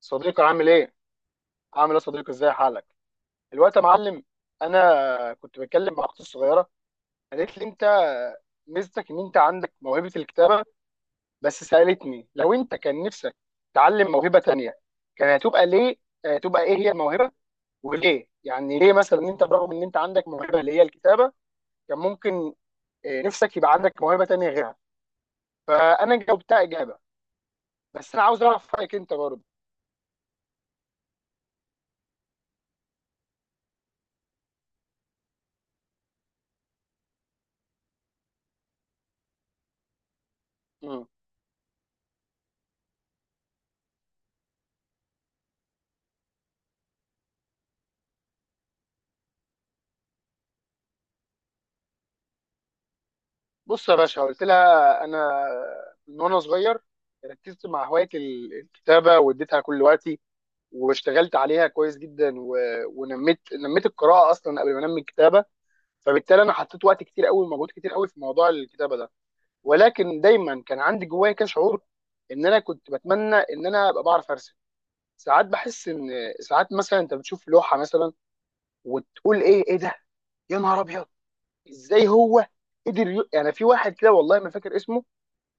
صديقي عامل ايه؟ عامل ايه يا صديقي، ازاي حالك؟ الوقت يا معلم. انا كنت بتكلم مع اختي الصغيره. قالت لي انت ميزتك ان انت عندك موهبه الكتابه، بس سالتني لو انت كان نفسك تعلم موهبه تانية كان هتبقى ليه؟ هتبقى ايه هي الموهبه وليه؟ يعني ليه مثلا ان انت برغم ان انت عندك موهبه اللي هي الكتابه، كان ممكن نفسك يبقى عندك موهبه تانية غيرها. فانا جاوبتها اجابه، بس انا عاوز اعرف رايك انت برضه. بص يا باشا، قلت لها انا من وانا صغير ركزت مع هوايه الكتابه، واديتها كل وقتي، واشتغلت عليها كويس جدا ونميت، نميت القراءه اصلا قبل ما انمي الكتابه. فبالتالي انا حطيت وقت كتير قوي ومجهود كتير قوي في موضوع الكتابه ده، ولكن دايما كان عندي جوايا كده شعور ان انا كنت بتمنى ان انا ابقى بعرف ارسم. ساعات بحس ان، ساعات مثلا انت بتشوف لوحه مثلا وتقول ايه ايه ده، يا نهار ابيض، ازاي هو قدر يعني في واحد كده والله ما فاكر اسمه،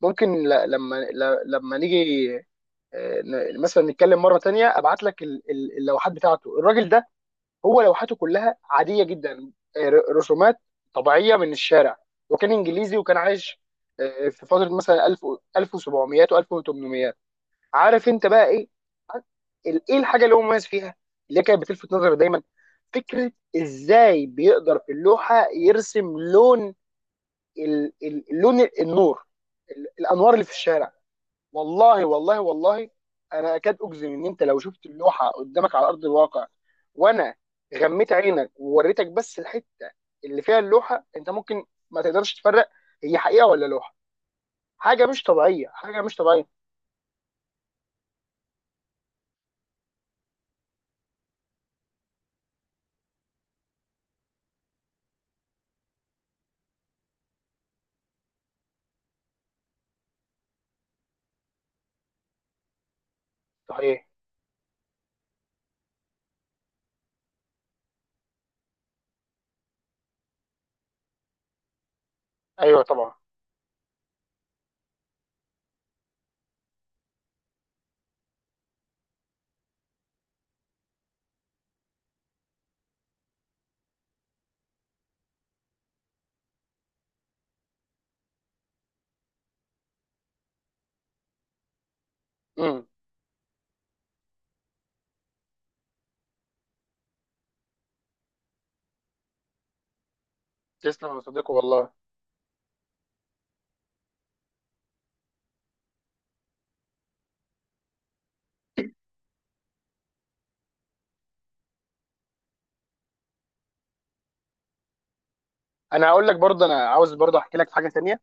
ممكن لما نيجي مثلا نتكلم مره تانية ابعت لك اللوحات بتاعته، الراجل ده هو لوحاته كلها عاديه جدا، رسومات طبيعيه من الشارع. وكان انجليزي وكان عايش في فتره مثلا 1000 و 1700 و1800. عارف انت بقى ايه ايه الحاجه اللي هو مميز فيها، اللي كانت بتلفت نظري دايما؟ فكره ازاي بيقدر في اللوحه يرسم لون لون النور، الانوار اللي في الشارع. والله والله والله، انا اكاد اجزم ان انت لو شفت اللوحه قدامك على ارض الواقع وانا غميت عينك ووريتك بس الحته اللي فيها اللوحه، انت ممكن ما تقدرش تفرق هي حقيقه ولا لوحه. حاجه مش طبيعيه، حاجه مش طبيعيه. صحيح. ايوه طبعا. امم تسلم يا صديقي والله. انا هقول لك برضه، انا عاوز برضه احكي لك حاجه ثانيه.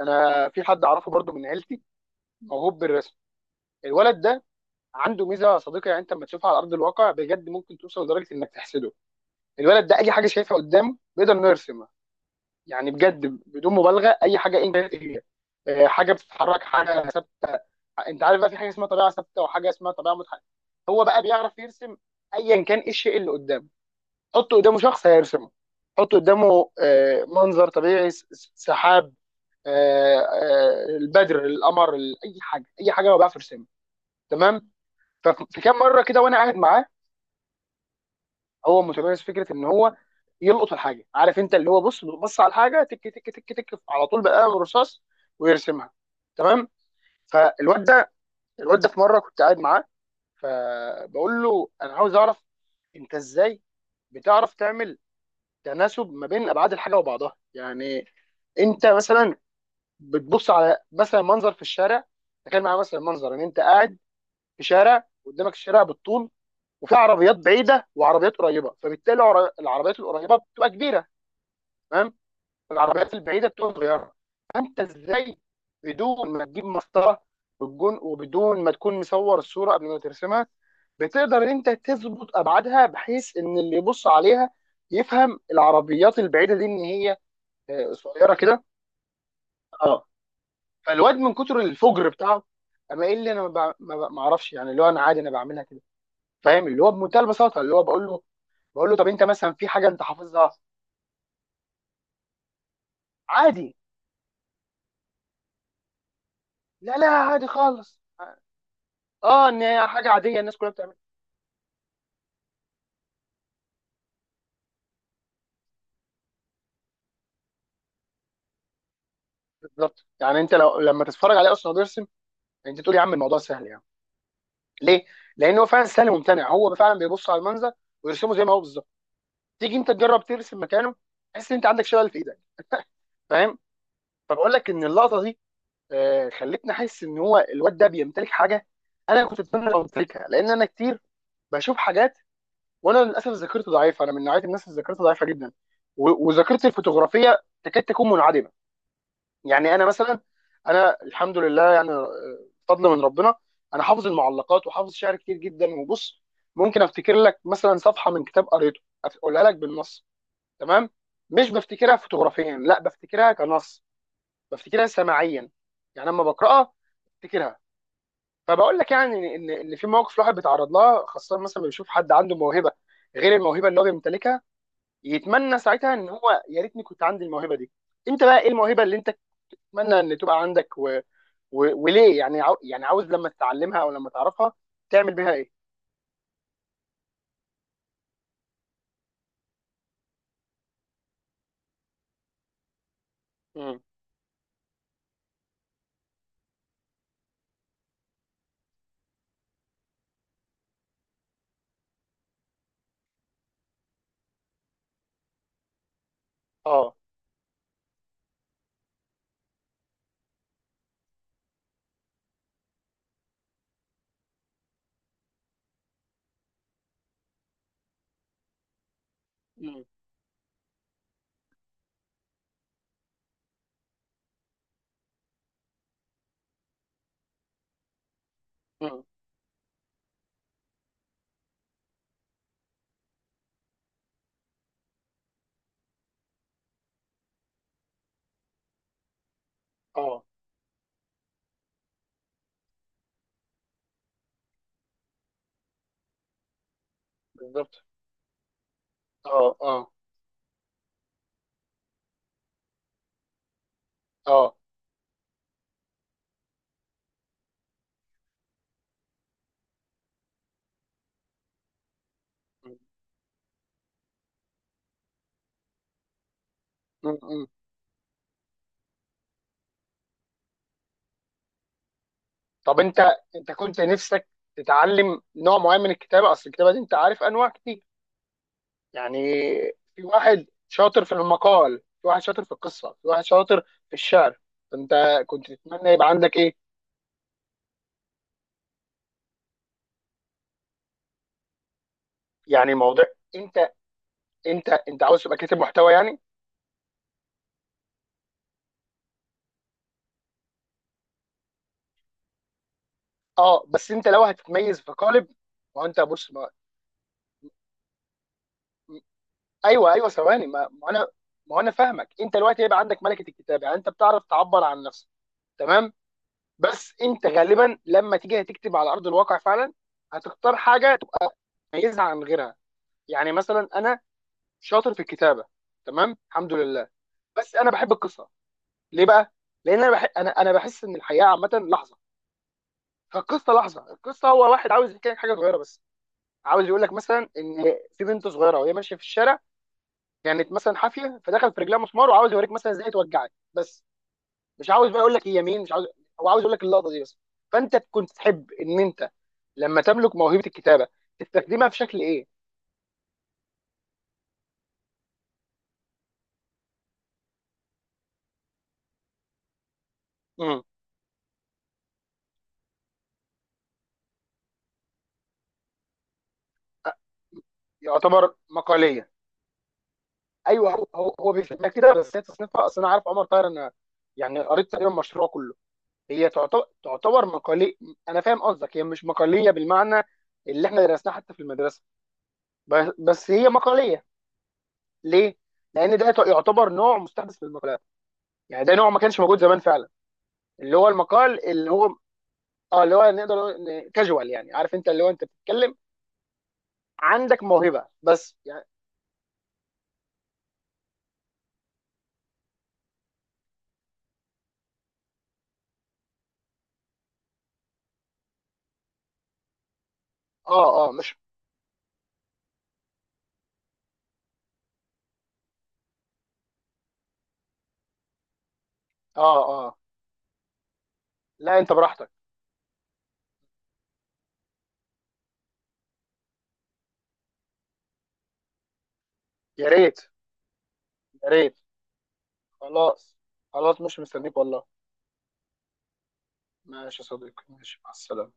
انا في حد اعرفه برضه من عيلتي موهوب بالرسم. الولد ده عنده ميزه يا صديقي، يعني انت لما تشوفها على ارض الواقع بجد ممكن توصل لدرجه انك تحسده. الولد ده اي حاجه شايفها قدامه بيقدر انه يرسمها. يعني بجد بدون مبالغه، اي حاجه انت هي، حاجه بتتحرك، حاجه ثابته. انت عارف بقى في حاجه اسمها طبيعه ثابته وحاجه اسمها طبيعه متحركه. هو بقى بيعرف يرسم ايا كان ايه الشيء اللي قدامه. حط قدامه شخص هيرسمه، حط قدامه منظر طبيعي، سحاب، البدر، القمر، اي حاجه، اي حاجه هو بيعرف يرسمها. تمام. ففي كام مره كده وانا قاعد معاه، هو متميز في فكره ان هو يلقط الحاجه، عارف انت، اللي هو بص، بص على الحاجه تك تك تك تك على طول بقلم الرصاص ويرسمها. تمام. فالواد ده الواد ده في مره كنت قاعد معاه، فبقول له انا عاوز اعرف، انت ازاي بتعرف تعمل تناسب ما بين ابعاد الحاجه وبعضها؟ يعني انت مثلا بتبص على مثلا منظر في الشارع، تخيل معايا مثلا منظر ان انت قاعد في شارع قدامك الشارع بالطول، وفي عربيات بعيده وعربيات قريبه، فبالتالي العربيات القريبه بتبقى كبيره، تمام، العربيات البعيده بتبقى صغيره. فانت ازاي بدون ما تجيب مسطره والجون، وبدون ما تكون مصور الصوره قبل ما ترسمها، بتقدر ان انت تظبط ابعادها بحيث ان اللي يبص عليها يفهم العربيات البعيده دي ان هي قصيره كده؟ اه. فالواد من كتر الفجر بتاعه، اما ايه اللي انا ما اعرفش، يعني اللي هو انا عادي انا بعملها كده، فاهم، اللي هو بمنتهى البساطه. اللي هو بقول له طب انت مثلا في حاجه انت حافظها؟ عادي، لا لا، عادي خالص. اه، ان هي حاجه عاديه الناس كلها بتعملها. بالظبط، يعني انت لو لما تتفرج عليه اصلا بيرسم، انت تقول يا عم الموضوع سهل يعني. ليه؟ لان هو فعلا سهل وممتنع، هو فعلا بيبص على المنظر ويرسمه زي ما هو بالظبط. تيجي انت تجرب ترسم مكانه، تحس ان انت عندك شلل في ايدك. فاهم؟ فبقول لك ان اللقطه دي خلتني احس ان هو الواد ده بيمتلك حاجه انا كنت اتمنى لو امتلكها، لان انا كتير بشوف حاجات وانا للاسف ذاكرتي ضعيفه. انا من نوعيه الناس اللي ذاكرتها ضعيفه جدا، وذاكرتي الفوتوغرافيه تكاد تكون منعدمه. يعني انا مثلا، انا الحمد لله يعني فضل من ربنا، انا حافظ المعلقات وحافظ شعر كتير جدا. وبص، ممكن افتكر لك مثلا صفحه من كتاب قريته اقولها لك بالنص، تمام. مش بفتكرها فوتوغرافيا، لا، بفتكرها كنص، بفتكرها سماعيا. يعني لما بقراها بفتكرها. فبقول لك يعني ان في مواقف الواحد بيتعرض لها، خاصه مثلا بيشوف حد عنده موهبه غير الموهبه اللي هو بيمتلكها، يتمنى ساعتها ان هو يا ريتني كنت عندي الموهبه دي. انت بقى ايه الموهبه اللي انت تتمنى ان تبقى عندك، وليه؟ يعني يعني عاوز لما تتعلمها او لما تعرفها تعمل بيها ايه؟ مم. اه. مم. مم. اه. بالظبط. اه، اه، اه. مم. مم. طب انت كنت نفسك تتعلم نوع معين من الكتابه؟ اصل الكتابه دي انت عارف انواع كتير يعني، في واحد شاطر في المقال، في واحد شاطر في القصه، في واحد شاطر في الشعر. فانت كنت تتمنى يبقى عندك ايه؟ يعني موضوع، انت انت عاوز تبقى كاتب محتوى يعني؟ اه. بس انت لو هتتميز في قالب، ما هو انت بص. ايوه، ايوه، ثواني، ما انا فاهمك. انت دلوقتي هيبقى عندك ملكه الكتابه يعني، انت بتعرف تعبر عن نفسك، تمام، بس انت غالبا لما تيجي هتكتب على ارض الواقع فعلا، هتختار حاجه تبقى مميزه عن غيرها. يعني مثلا انا شاطر في الكتابه، تمام، الحمد لله، بس انا بحب القصه. ليه بقى؟ لان انا انا بحس ان الحياه عامه لحظه، فالقصه لحظه. القصه هو واحد عاوز يحكي لك حاجه صغيره بس، عاوز يقول لك مثلا ان في بنت صغيره وهي ماشيه في الشارع كانت مثلا حافيه فدخل في رجلها مسمار، وعاوز يوريك مثلا ازاي توجعك بس، مش عاوز بقى يقول لك هي مين، مش عاوز. هو عاوز يقول لك اللقطه دي بس. فانت كنت تحب ان انت لما تملك موهبه الكتابه تستخدمها في شكل ايه؟ امم يعتبر مقاليه. ايوه، هو, بيفهمها كده، بس هي تصنيفها، اصل انا عارف عمر طاهر، انا يعني قريت تقريبا مشروعه كله. هي تعتبر مقاليه. انا فاهم قصدك، هي مش مقاليه بالمعنى اللي احنا درسناه حتى في المدرسه، بس هي مقاليه. ليه؟ لان ده يعتبر نوع مستحدث من المقالات، يعني ده نوع ما كانش موجود زمان فعلا. اللي هو المقال، اللي هو نقدر نقول كاجوال يعني، عارف انت، اللي هو انت بتتكلم، عندك موهبه بس يعني. اه، اه، مش، اه، اه، لا، انت براحتك. يا ريت، يا ريت، خلاص، خلاص، مش مستنيك والله. ماشي يا صديقي، ماشي، مع السلامه.